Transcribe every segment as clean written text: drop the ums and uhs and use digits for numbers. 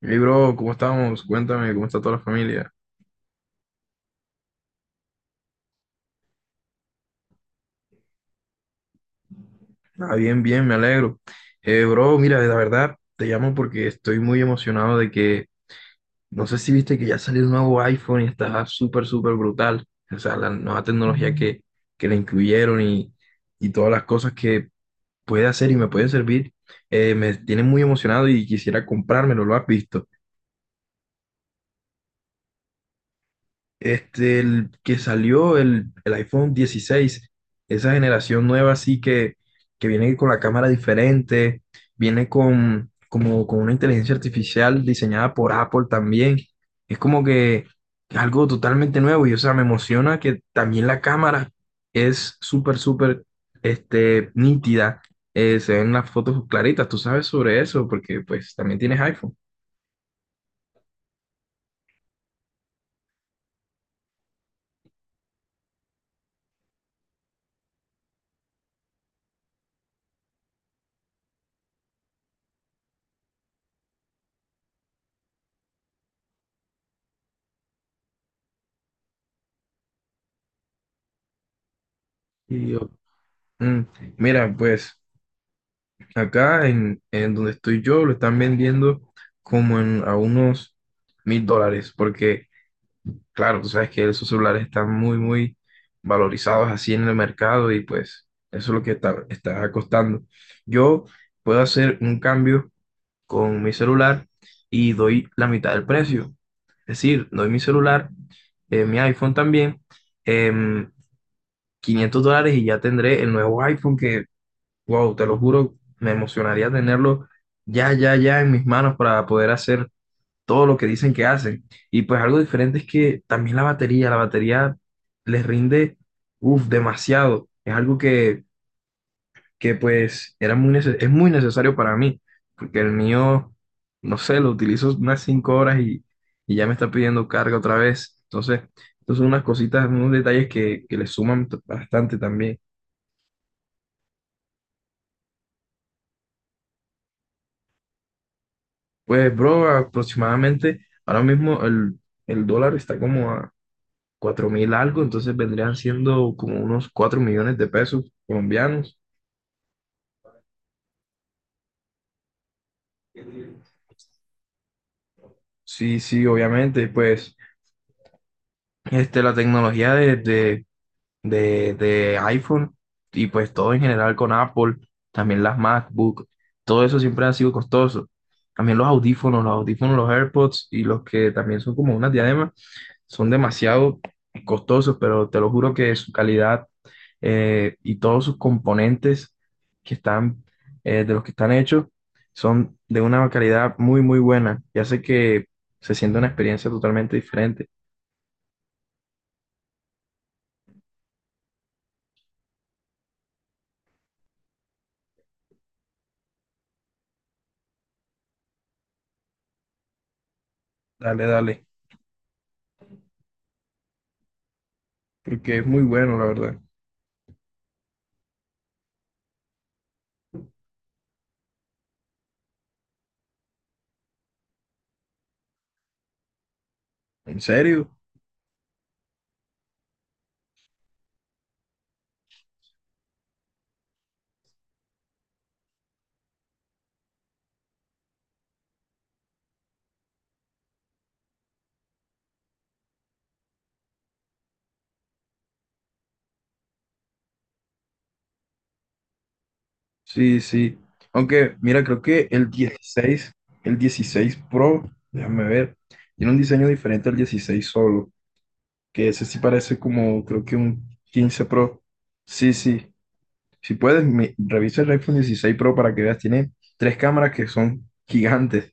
Hey, bro, ¿cómo estamos? Cuéntame, ¿cómo está toda la familia? Ah, bien, bien, me alegro. Bro, mira, la verdad, te llamo porque estoy muy emocionado de que, no sé si viste que ya salió el nuevo iPhone y está súper, súper brutal. O sea, la nueva tecnología que le incluyeron y todas las cosas que puede hacer y me puede servir, me tiene muy emocionado y quisiera comprármelo, ¿lo has visto? Este, el que salió el iPhone 16 esa generación nueva así que viene con la cámara diferente, viene con, como, con una inteligencia artificial diseñada por Apple también. Es como que algo totalmente nuevo y o sea, me emociona que también la cámara es súper, súper nítida. Se ven las fotos claritas, tú sabes sobre eso porque pues también tienes iPhone. Y yo, Mm, mira, pues acá en donde estoy yo lo están vendiendo como en, a unos $1000, porque claro, tú sabes que esos celulares están muy, muy valorizados así en el mercado y pues eso es lo que está costando. Yo puedo hacer un cambio con mi celular y doy la mitad del precio. Es decir, doy mi celular, mi iPhone también, em, $500 y ya tendré el nuevo iPhone que wow, te lo juro, me emocionaría tenerlo ya, ya, ya en mis manos para poder hacer todo lo que dicen que hacen. Y pues algo diferente es que también la batería les rinde, uff, demasiado. Es algo que pues es muy necesario para mí, porque el mío, no sé, lo utilizo unas 5 horas y ya me está pidiendo carga otra vez. Entonces, son unas cositas, unos detalles que le suman bastante también. Pues, bro, aproximadamente ahora mismo el dólar está como a 4000 algo, entonces vendrían siendo como unos 4 millones de pesos colombianos. Sí, sí, obviamente, pues la tecnología de iPhone y pues todo en general con Apple, también las MacBook, todo eso siempre ha sido costoso. También los audífonos, los audífonos, los AirPods y los que también son como unas diademas, son demasiado costosos, pero te lo juro que su calidad y todos sus componentes que están, de los que están hechos, son de una calidad muy, muy buena y hace que se sienta una experiencia totalmente diferente. Dale, dale, porque es muy bueno, la verdad. ¿En serio? Sí, sí. Aunque, mira, creo que el 16 Pro, déjame ver, tiene un diseño diferente al 16 solo. Que ese sí parece como, creo que un 15 Pro. Sí, sí. Si puedes, revisa el iPhone 16 Pro para que veas. Tiene tres cámaras que son gigantes,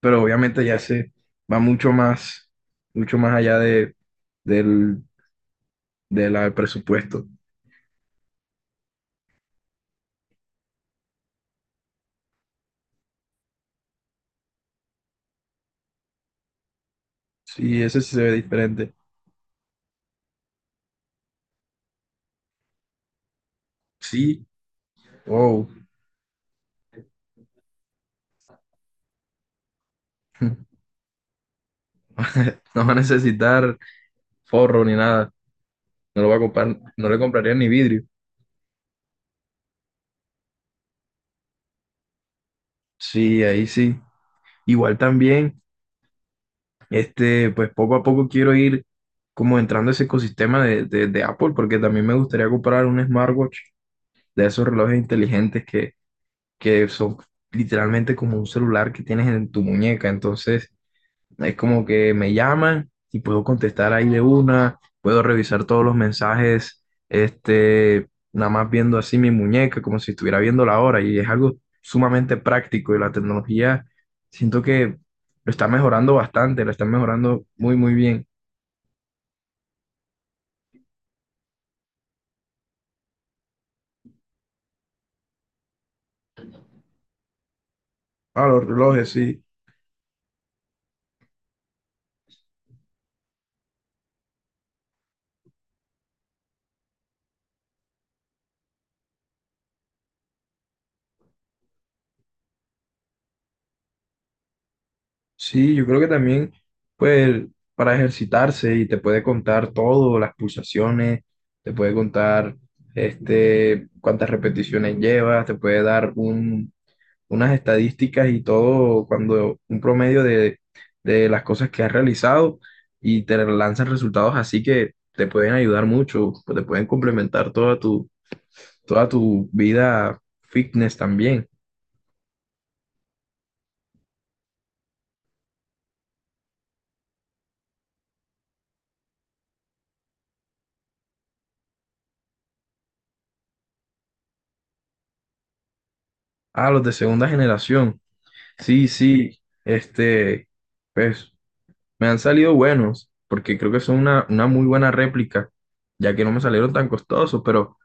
pero obviamente ya se va mucho más allá de, del, de la- del presupuesto. Sí, ese sí se ve diferente. Sí, wow. No va a necesitar forro ni nada. No lo va a comprar, no le compraría ni vidrio. Sí, ahí sí. Igual también. Pues poco a poco quiero ir como entrando a ese ecosistema de Apple, porque también me gustaría comprar un smartwatch de esos relojes inteligentes que son literalmente como un celular que tienes en tu muñeca. Entonces, es como que me llaman y puedo contestar ahí de una, puedo revisar todos los mensajes, nada más viendo así mi muñeca, como si estuviera viendo la hora, y es algo sumamente práctico y la tecnología siento que lo está mejorando bastante, la está mejorando muy, muy bien. Ah, los relojes, sí. Sí, yo creo que también, pues, para ejercitarse y te puede contar todo, las pulsaciones, te puede contar, cuántas repeticiones llevas, te puede dar unas estadísticas y todo, cuando un promedio de las cosas que has realizado y te lanzan resultados así que te pueden ayudar mucho, te pueden complementar toda tu vida fitness también. Ah, los de segunda generación. Sí, sí, este, pues me han salido buenos, porque creo que son una muy buena réplica, ya que no me salieron tan costosos, pero,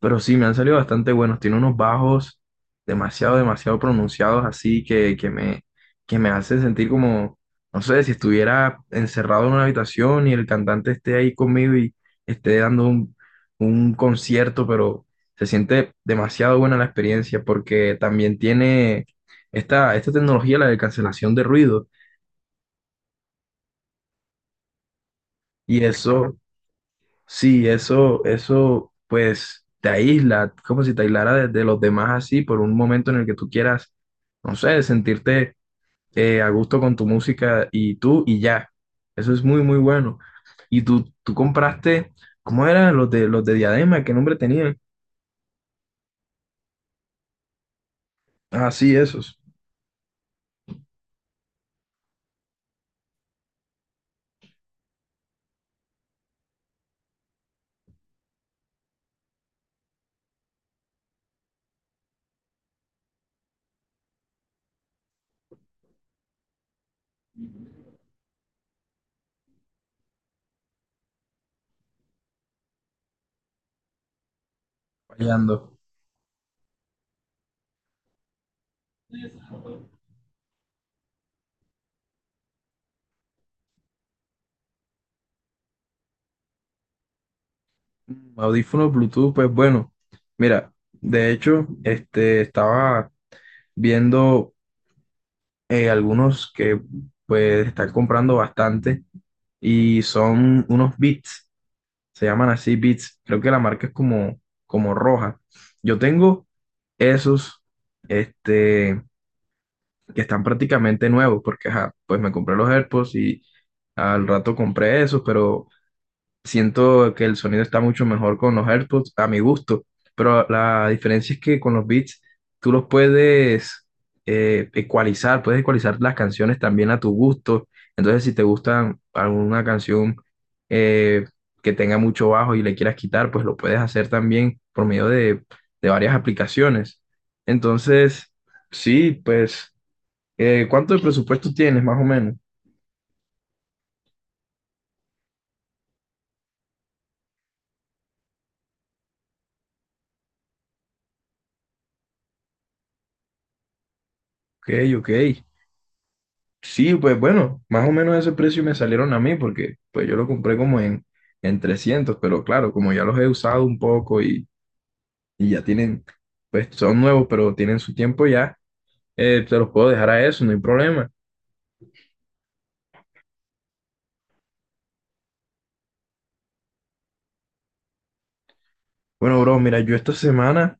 pero sí, me han salido bastante buenos. Tiene unos bajos demasiado, demasiado pronunciados, así que me hace sentir como, no sé, si estuviera encerrado en una habitación y el cantante esté ahí conmigo y esté dando un concierto, pero se siente demasiado buena la experiencia, porque también tiene esta tecnología, la de cancelación de ruido, y eso. Sí, eso, pues te aísla, como si te aislara de los demás así por un momento en el que tú quieras, no sé, sentirte a gusto con tu música y tú y ya. Eso es muy, muy bueno. Y tú compraste, ¿cómo eran los de Diadema? ¿Qué nombre tenían? Ah, sí, esos. Fallando. Audífonos Bluetooth, pues bueno. Mira, de hecho, estaba viendo algunos que pues están comprando bastante y son unos Beats se llaman así Beats creo que la marca es como roja. Yo tengo esos, este, que están prácticamente nuevos, porque ajá, pues me compré los AirPods y al rato compré esos, pero siento que el sonido está mucho mejor con los AirPods, a mi gusto, pero la diferencia es que con los beats tú los puedes ecualizar, puedes ecualizar las canciones también a tu gusto. Entonces, si te gusta alguna canción eh, que tenga mucho bajo y le quieras quitar, pues lo puedes hacer también por medio de varias aplicaciones. Entonces, sí, pues, ¿cuánto de presupuesto tienes más o menos? Ok, ok. Sí, pues bueno, más o menos ese precio me salieron a mí porque pues yo lo compré como en 300, pero claro, como ya los he usado un poco y ya tienen, pues son nuevos, pero tienen su tiempo ya, te los puedo dejar a eso, no hay problema. Bueno, bro, mira, yo esta semana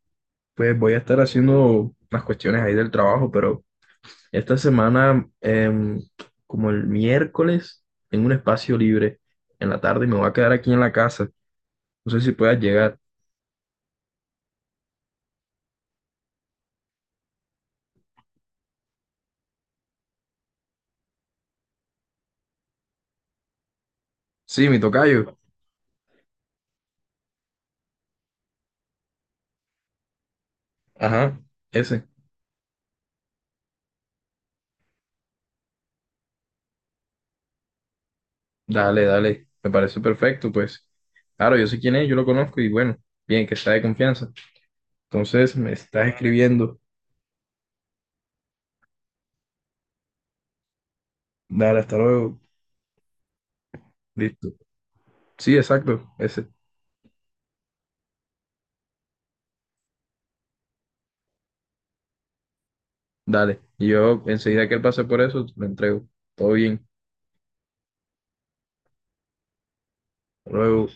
pues voy a estar haciendo unas cuestiones ahí del trabajo, pero esta semana, como el miércoles, tengo un espacio libre en la tarde y me voy a quedar aquí en la casa. No sé si puedas llegar. Sí, mi tocayo. Ajá. Ese. Dale, dale, me parece perfecto, pues. Claro, yo sé quién es, yo lo conozco y bueno, bien, que sea de confianza. Entonces, me estás escribiendo. Dale, hasta luego. Listo. Sí, exacto, ese. Dale. Y yo enseguida que él pase por eso, me entrego. Todo bien. Hasta luego.